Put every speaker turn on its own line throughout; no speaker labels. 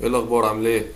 ايه الاخبار عامل ايه؟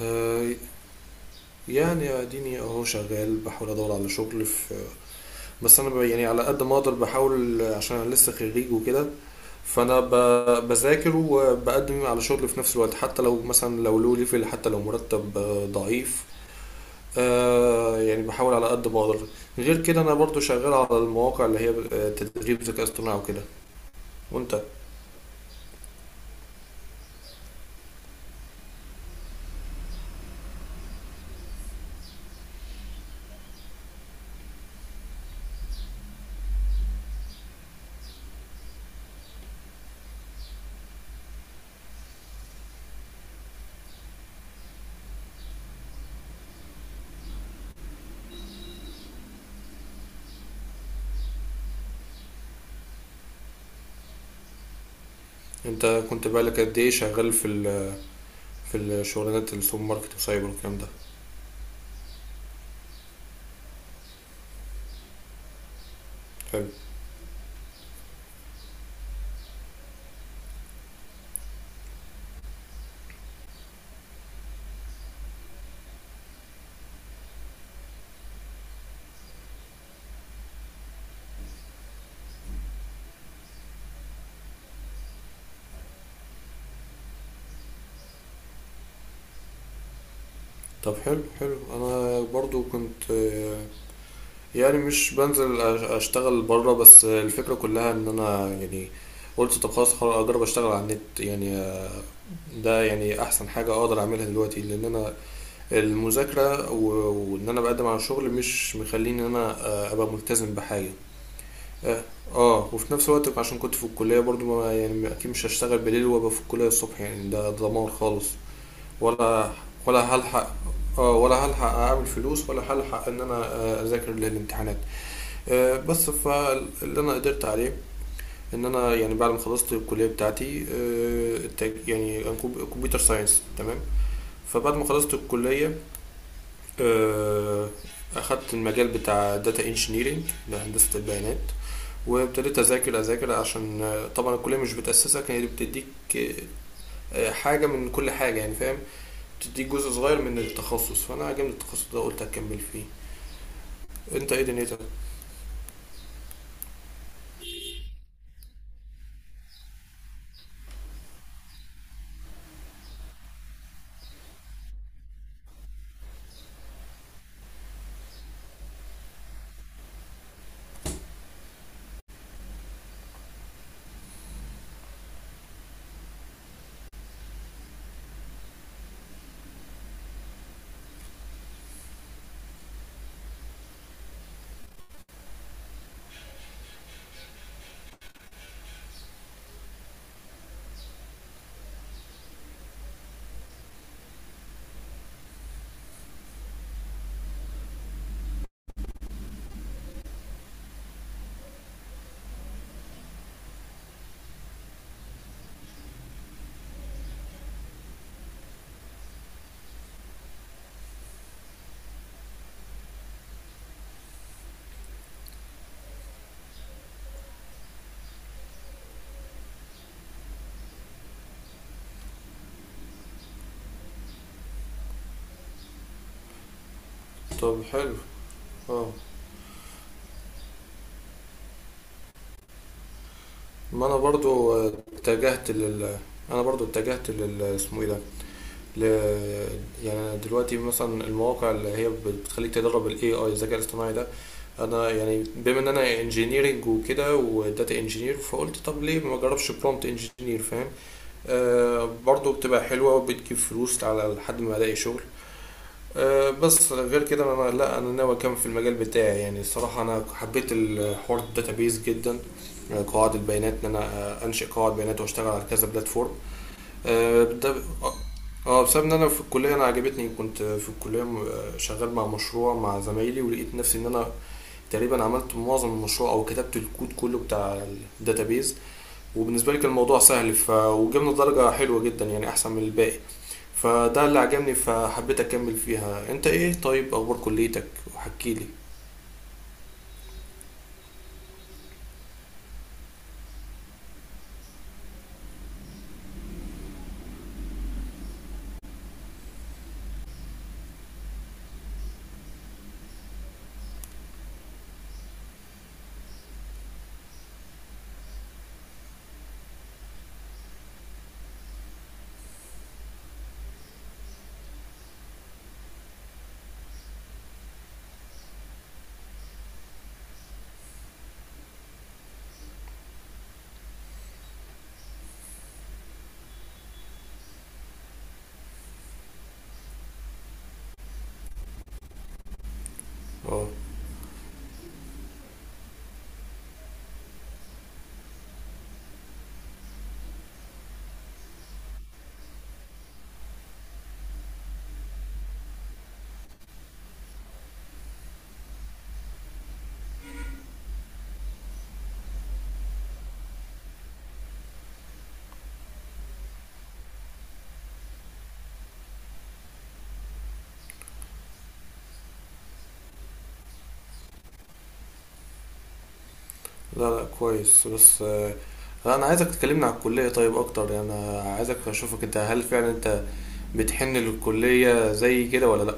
آه يعني اديني اهو شغال بحاول ادور على شغل في. يعني على قد ما اقدر بحاول عشان انا لسه خريج وكده. بذاكر وبقدم على شغل في نفس الوقت، حتى لو مثلا لو له ليفل، حتى لو مرتب ضعيف. يعني بحاول على قد ما اقدر. غير كده انا برضو شغال على المواقع اللي هي تدريب ذكاء اصطناعي وكده. وانت، انت كنت بقالك قد ايه شغال في في الشغلانات السوبر ماركت وسايبر والكلام ده؟ حلو. طب حلو حلو، انا برضو كنت يعني مش بنزل اشتغل بره، بس الفكرة كلها ان انا يعني قلت طب خلاص خلاص اجرب اشتغل على النت يعني، ده يعني احسن حاجة اقدر اعملها دلوقتي لان انا المذاكرة وان انا بقدم على شغل مش مخليني ان انا ابقى ملتزم بحاجة. اه، وفي نفس الوقت عشان كنت في الكلية برضو، ما يعني اكيد مش هشتغل بالليل وابقى في الكلية الصبح، يعني ده دمار خالص. ولا ولا هلحق، اه ولا هلحق اعمل فلوس، ولا هلحق ان انا اذاكر للامتحانات. بس فاللي انا قدرت عليه ان انا يعني بعد ما خلصت الكليه بتاعتي، يعني أنا كمبيوتر ساينس، تمام. فبعد ما خلصت الكليه، آه، اخدت المجال بتاع داتا انجينيرينج، ده هندسه البيانات. وابتديت اذاكر عشان طبعا الكليه مش بتاسسك، هي بتديك آه، حاجه من كل حاجه يعني، فاهم؟ تديك جزء صغير من التخصص، فانا عجبني التخصص ده قلت هكمل فيه. انت ايه دنيتك؟ طب حلو. اه، ما انا برضو اتجهت لل. انا برضو اتجهت لل، اسمه ايه ده، ل... يعني أنا دلوقتي مثلا المواقع اللي هي بتخليك تدرب الاي اي، الذكاء الاصطناعي ده. انا يعني بما ان انا انجينيرنج وكده وداتا انجينير، فقلت طب ليه ما اجربش برومبت انجينير، فاهم؟ آه برضو بتبقى حلوه وبتجيب فلوس على لحد ما الاقي شغل. أه بس غير كده انا، لا انا ناوي اكمل في المجال بتاعي يعني. الصراحه انا حبيت الحوار الداتابيز جدا. أه، قواعد البيانات، ان انا أه، انشئ قواعد بيانات واشتغل على كذا بلاتفورم. أه، ده، اه، بسبب ان انا في الكليه انا عجبتني، كنت في الكليه شغال مع مشروع مع زمايلي، ولقيت نفسي ان انا تقريبا عملت معظم المشروع او كتبت الكود كله بتاع الداتابيز. وبالنسبه لي كان الموضوع سهل ف... وجبنا درجه حلوه جدا يعني، احسن من الباقي. فده اللي عجبني فحبيت اكمل فيها. انت ايه طيب، اخبار كليتك، وحكي لي. اه لا لا كويس، بس انا عايزك تكلمني على الكليه طيب اكتر، يعني انا عايزك اشوفك انت، هل فعلا انت بتحن للكليه زي كده ولا لا؟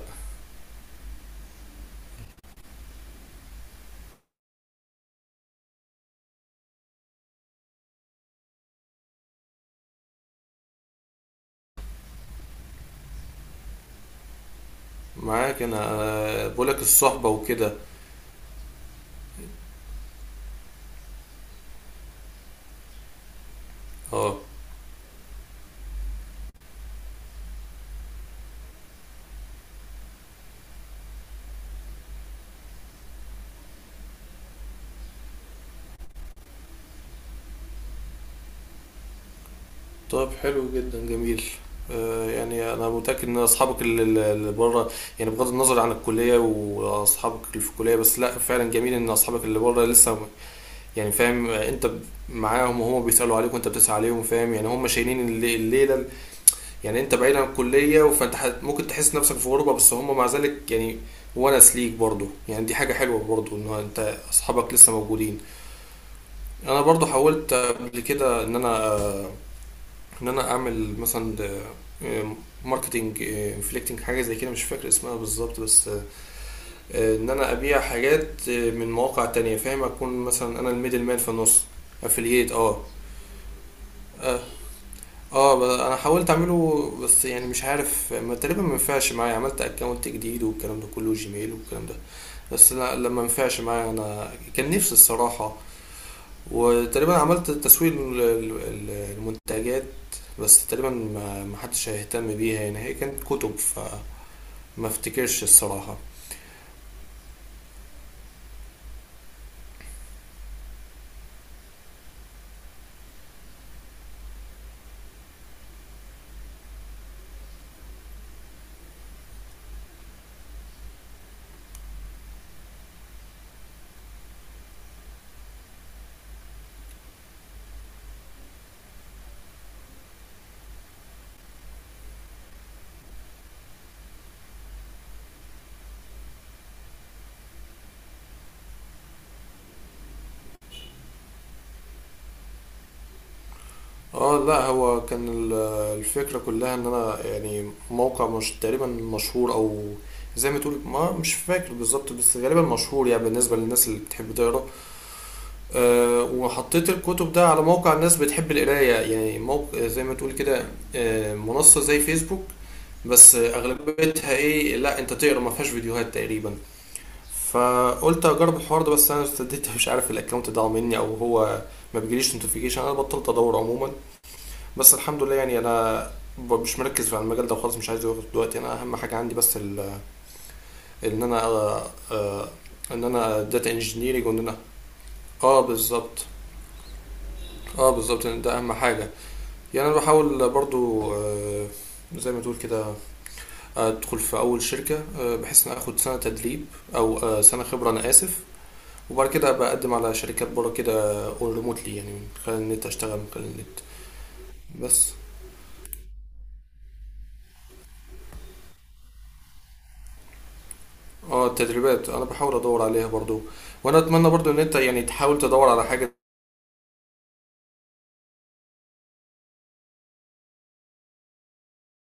معاك انا، بقولك الصحبه وكده. اه. طب حلو جدا، جميل. يعني انا متاكد ان اصحابك اللي بره يعني، بغض النظر عن الكليه واصحابك اللي في الكليه. بس لا فعلا جميل ان اصحابك اللي بره لسه يعني فاهم، معاهم، وهم بيسالوا عليك وانت بتسال عليهم، فاهم يعني. هم شايلين الليله يعني انت بعيد عن الكليه، فانت ممكن تحس نفسك في غربه، بس هم مع ذلك يعني ونس ليك برضه، يعني دي حاجه حلوه برضه ان انت اصحابك لسه موجودين. انا برضه حاولت قبل كده ان انا ان انا اعمل مثلا ماركتنج انفليكتنج، حاجه زي كده مش فاكر اسمها بالظبط، بس ان انا ابيع حاجات آه، من مواقع تانية، فاهم، اكون مثلا انا الميدل مان في النص. افلييت، اه. اه، انا حاولت اعمله، بس يعني مش عارف ما تقريبا ما ينفعش معايا، عملت اكونت جديد والكلام ده كله، جيميل والكلام ده. بس لا لما ما ينفعش معايا، انا كان نفسي الصراحه. وتقريبا عملت تسويق للمنتجات، بس تقريبا ما ما حدش هيهتم بيها يعني، هي كانت كتب فما افتكرش الصراحة. اه لا هو كان الفكرة كلها ان انا يعني موقع مش تقريبا مشهور او زي ما تقول، ما مش فاكر بالظبط بس غالبا مشهور، يعني بالنسبة للناس اللي بتحب تقرا. أه وحطيت الكتب ده على موقع الناس بتحب القراية يعني، موقع زي ما تقول كده، أه منصة زي فيسبوك، بس أغلبيتها إيه لا أنت تقرا، ما فيهاش فيديوهات تقريبا. فقلت أجرب الحوار ده، بس أنا ابتديت مش عارف الأكونت ضاع مني أو هو ما بيجيليش نوتيفيكيشن، أنا بطلت أدور عموما. بس الحمد لله يعني أنا مش مركز في المجال ده وخلاص، مش عايز أدور دلوقتي. أنا أهم حاجة عندي بس إن أنا أه آه، إن أنا داتا انجينيرنج، وإن أنا آه بالظبط. اه بالظبط، يعني ده اهم حاجه. يعني انا بحاول برضو زي ما تقول كده ادخل في اول شركه بحيث ان اخد سنه تدريب، او سنه خبره، انا اسف. وبعد كده ابقى اقدم على شركات بره كده اون ريموتلي، يعني من خلال النت اشتغل من خلال النت. بس اه التدريبات انا بحاول ادور عليها برضو، وانا اتمنى برضو ان انت يعني تحاول تدور على حاجه.